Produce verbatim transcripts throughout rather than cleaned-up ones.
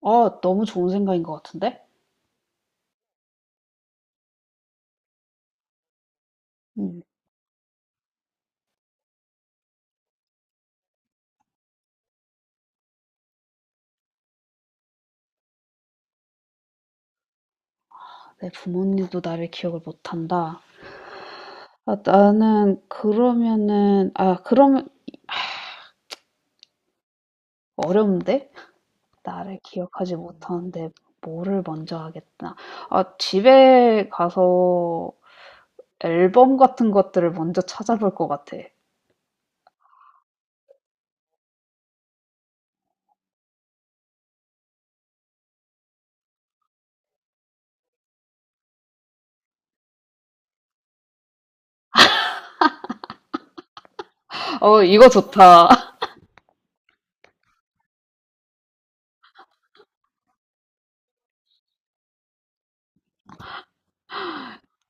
아, 너무 좋은 생각인 것 같은데? 음, 내 부모님도 나를 기억을 못한다. 아, 나는 그러면은, 아, 그러면 어려운데? 나를 기억하지 못하는데 뭐를 먼저 하겠나? 아, 집에 가서 앨범 같은 것들을 먼저 찾아볼 것 같아. 어, 이거 좋다.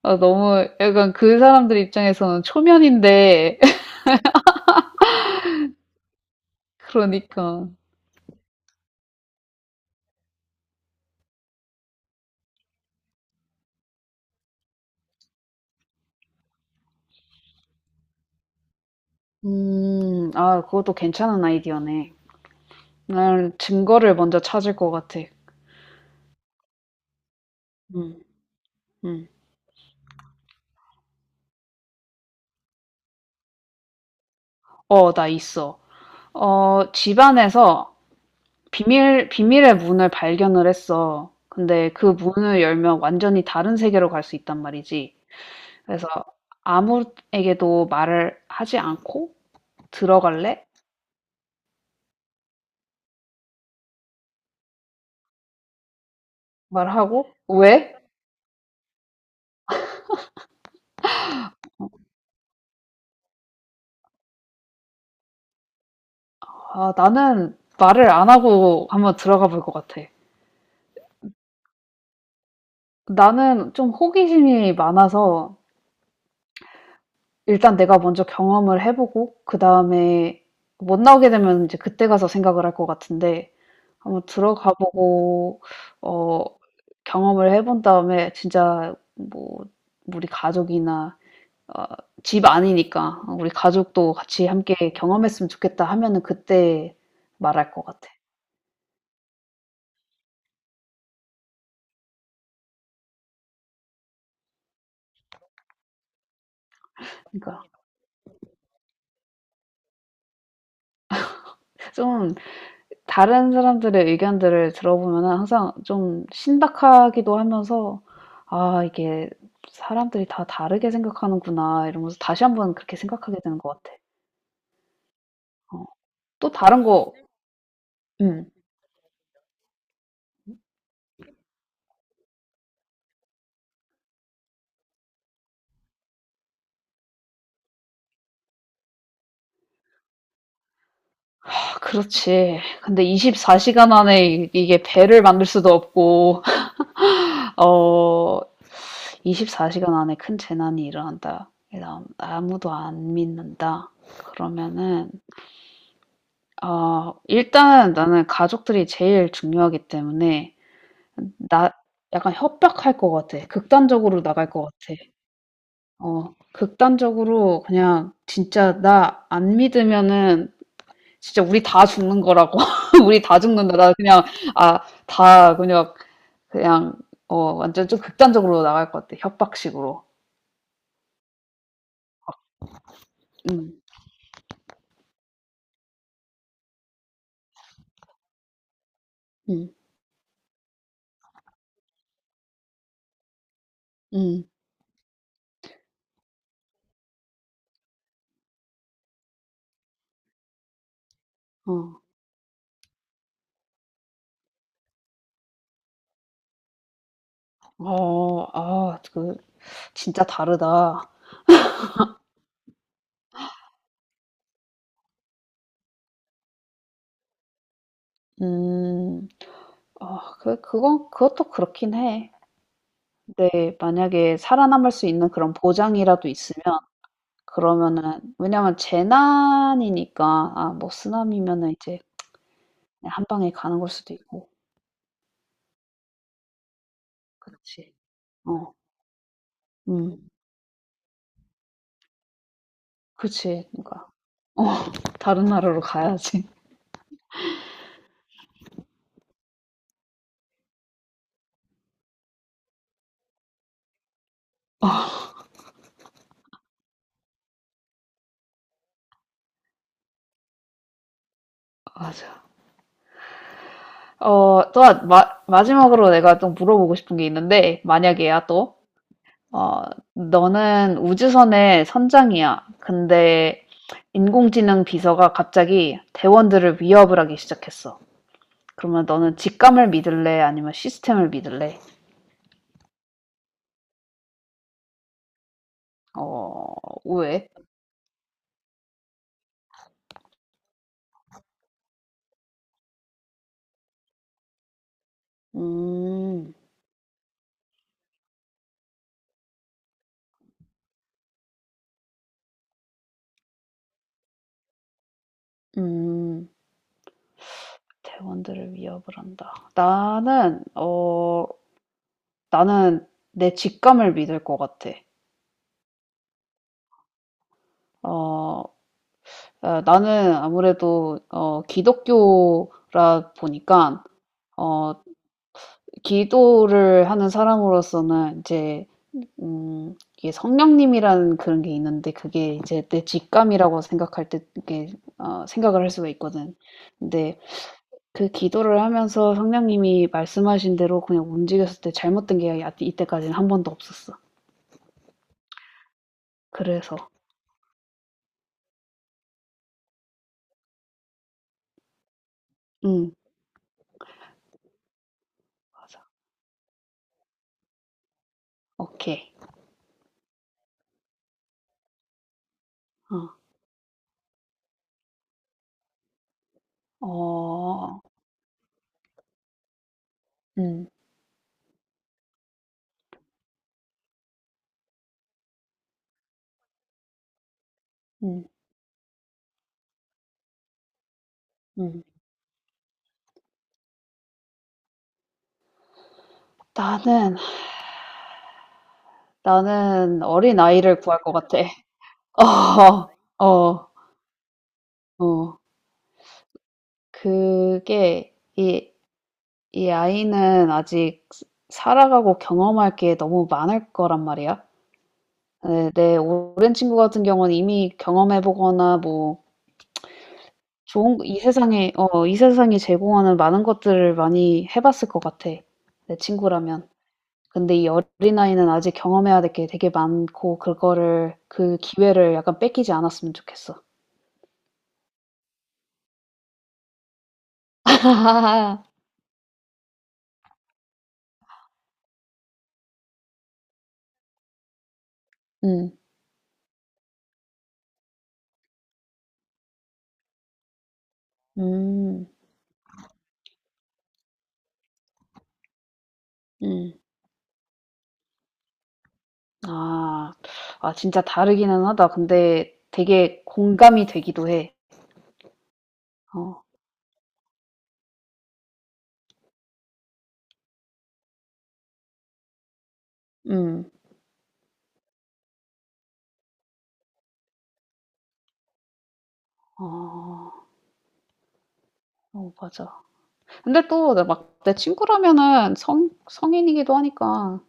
아, 너무 약간 그 사람들 입장에서는 초면인데, 그러니까. 음, 아, 그것도 괜찮은 아이디어네. 난 증거를 먼저 찾을 것 같아. 음, 음. 어, 나 있어. 어, 집안에서 비밀, 비밀의 문을 발견을 했어. 근데 그 문을 열면 완전히 다른 세계로 갈 수 있단 말이지. 그래서 아무에게도 말을 하지 않고 들어갈래? 말하고 왜? 아, 나는 말을 안 하고 한번 들어가 볼 것 같아. 나는 좀 호기심이 많아서 일단 내가 먼저 경험을 해보고 그 다음에 못 나오게 되면 이제 그때 가서 생각을 할 것 같은데, 한번 들어가 보고 어 경험을 해본 다음에 진짜 뭐 우리 가족이나 어 집 아니니까 '어 우리 가족도 같이 함께 경험했으면 좋겠다.' 하면은 그때 말할 것 같아. 그러니까 좀 다른 사람들의 의견들을 들어보면은 항상 좀 신박하기도 하면서 '아 이게 사람들이 다 다르게 생각하는구나.' 이러면서 다시 한번 그렇게 생각하게 되는 것 같아. 어, 또 다른 거. 네. 음. 그렇지. 근데 이십사 시간 안에 이- 이게 배를 만들 수도 없고, 어, 이십사 시간 안에 큰 재난이 일어난다. 그다음 아무도 안 믿는다. 그러면은, 어, 일단 나는 가족들이 제일 중요하기 때문에, 나, 약간 협박할 것 같아. 극단적으로 나갈 것 같아. 어, 극단적으로 그냥 진짜 나 안 믿으면은 진짜 우리 다 죽는 거라고. 우리 다 죽는다. 나 그냥 아, 다 그냥 그냥 어, 완전 좀 극단적으로 나갈 것 같아. 협박식으로. 음. 음. 음. 어. 어. 아, 그 진짜 다르다. 음. 아 그 그건, 그것도 그렇긴 해. 근데 만약에 살아남을 수 있는 그런 보장이라도 있으면, 그러면은, 왜냐면 재난이니까, 아 뭐 쓰나미면은 이제 그냥 한 방에 가는 걸 수도 있고. 그렇지. 어. 음. 그치. 그러니까 어 다른 나라로 가야지. 어 맞아. 어 또한 마 마지막으로 내가 또 물어보고 싶은 게 있는데, 만약에야, 또 어 너는 우주선의 선장이야. 근데 인공지능 비서가 갑자기 대원들을 위협을 하기 시작했어. 그러면 너는 직감을 믿을래, 아니면 시스템을 믿을래? 어 왜? 음. 음. 대원들을 위협을 한다. 나는 어 나는 내 직감을 믿을 것 같아. 어, 어, 나는 아무래도 어, 기독교라 보니까 어, 기도를 하는 사람으로서는 이제 음, 이게 성령님이라는 그런 게 있는데, 그게 이제 내 직감이라고 생각할 때, 이게 어, 생각을 할 수가 있거든. 근데 그 기도를 하면서 성령님이 말씀하신 대로 그냥 움직였을 때 잘못된 게 야- 이때까지는 한 번도 없었어. 그래서. 음 맞아. 오케이. 어. 어. 음. 음. 음. 나는 나는 어린아이를 구할 것 같아. 어. 어. 어. 그게 이 이 아이는 아직 살아가고 경험할 게 너무 많을 거란 말이야. 네, 내 오랜 친구 같은 경우는 이미 경험해 보거나, 뭐 좋은, 이 세상에 어 이 세상이 제공하는 많은 것들을 많이 해 봤을 것 같아, 내 친구라면. 근데 이 어린아이는 아직 경험해야 될 게 되게 많고, 그거를, 그 기회를 약간 뺏기지 않았으면 좋겠어. 음. 음. 음. 아. 아 진짜 다르기는 하다. 근데 되게 공감이 되기도 해. 어. 음. 어. 어 맞아. 근데 또 내 막 내 친구라면은 성 성인이기도 하니까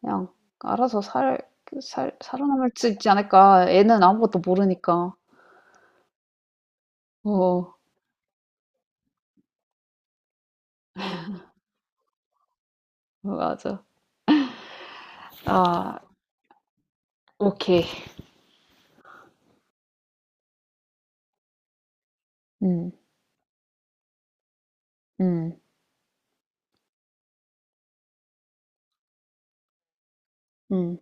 그냥 알아서 살 그 살 살아남을 수 있지 않을까. 애는 아무것도 모르니까. 어. 맞아. 아. 오케이. 음, 음, 음.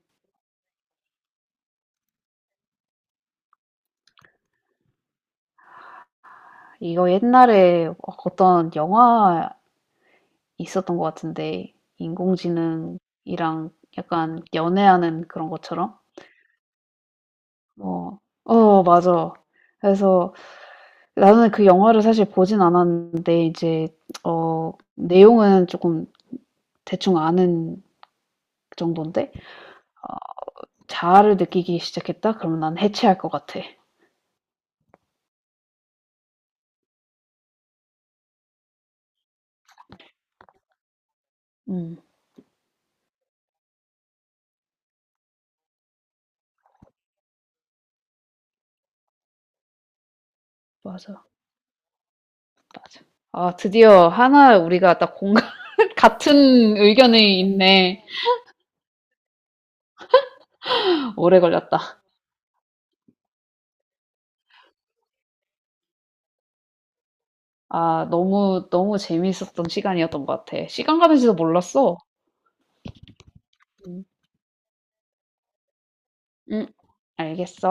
이거 옛날에 어떤 영화 있었던 것 같은데, 인공지능이랑 약간 연애하는 그런 것처럼? 어, 어, 맞아. 그래서 나는 그 영화를 사실 보진 않았는데, 이제, 어, 내용은 조금 대충 아는 정도인데, 자아를 느끼기 시작했다? 그러면 난 해체할 것 같아. 음, 맞아, 맞아. 아, 드디어 하나 우리가 딱 공감, 같은 의견이 있네. 오래 걸렸다. 아, 너무, 너무 재미있었던 시간이었던 것 같아. 시간 가는지도 몰랐어. 응, 응, 알겠어.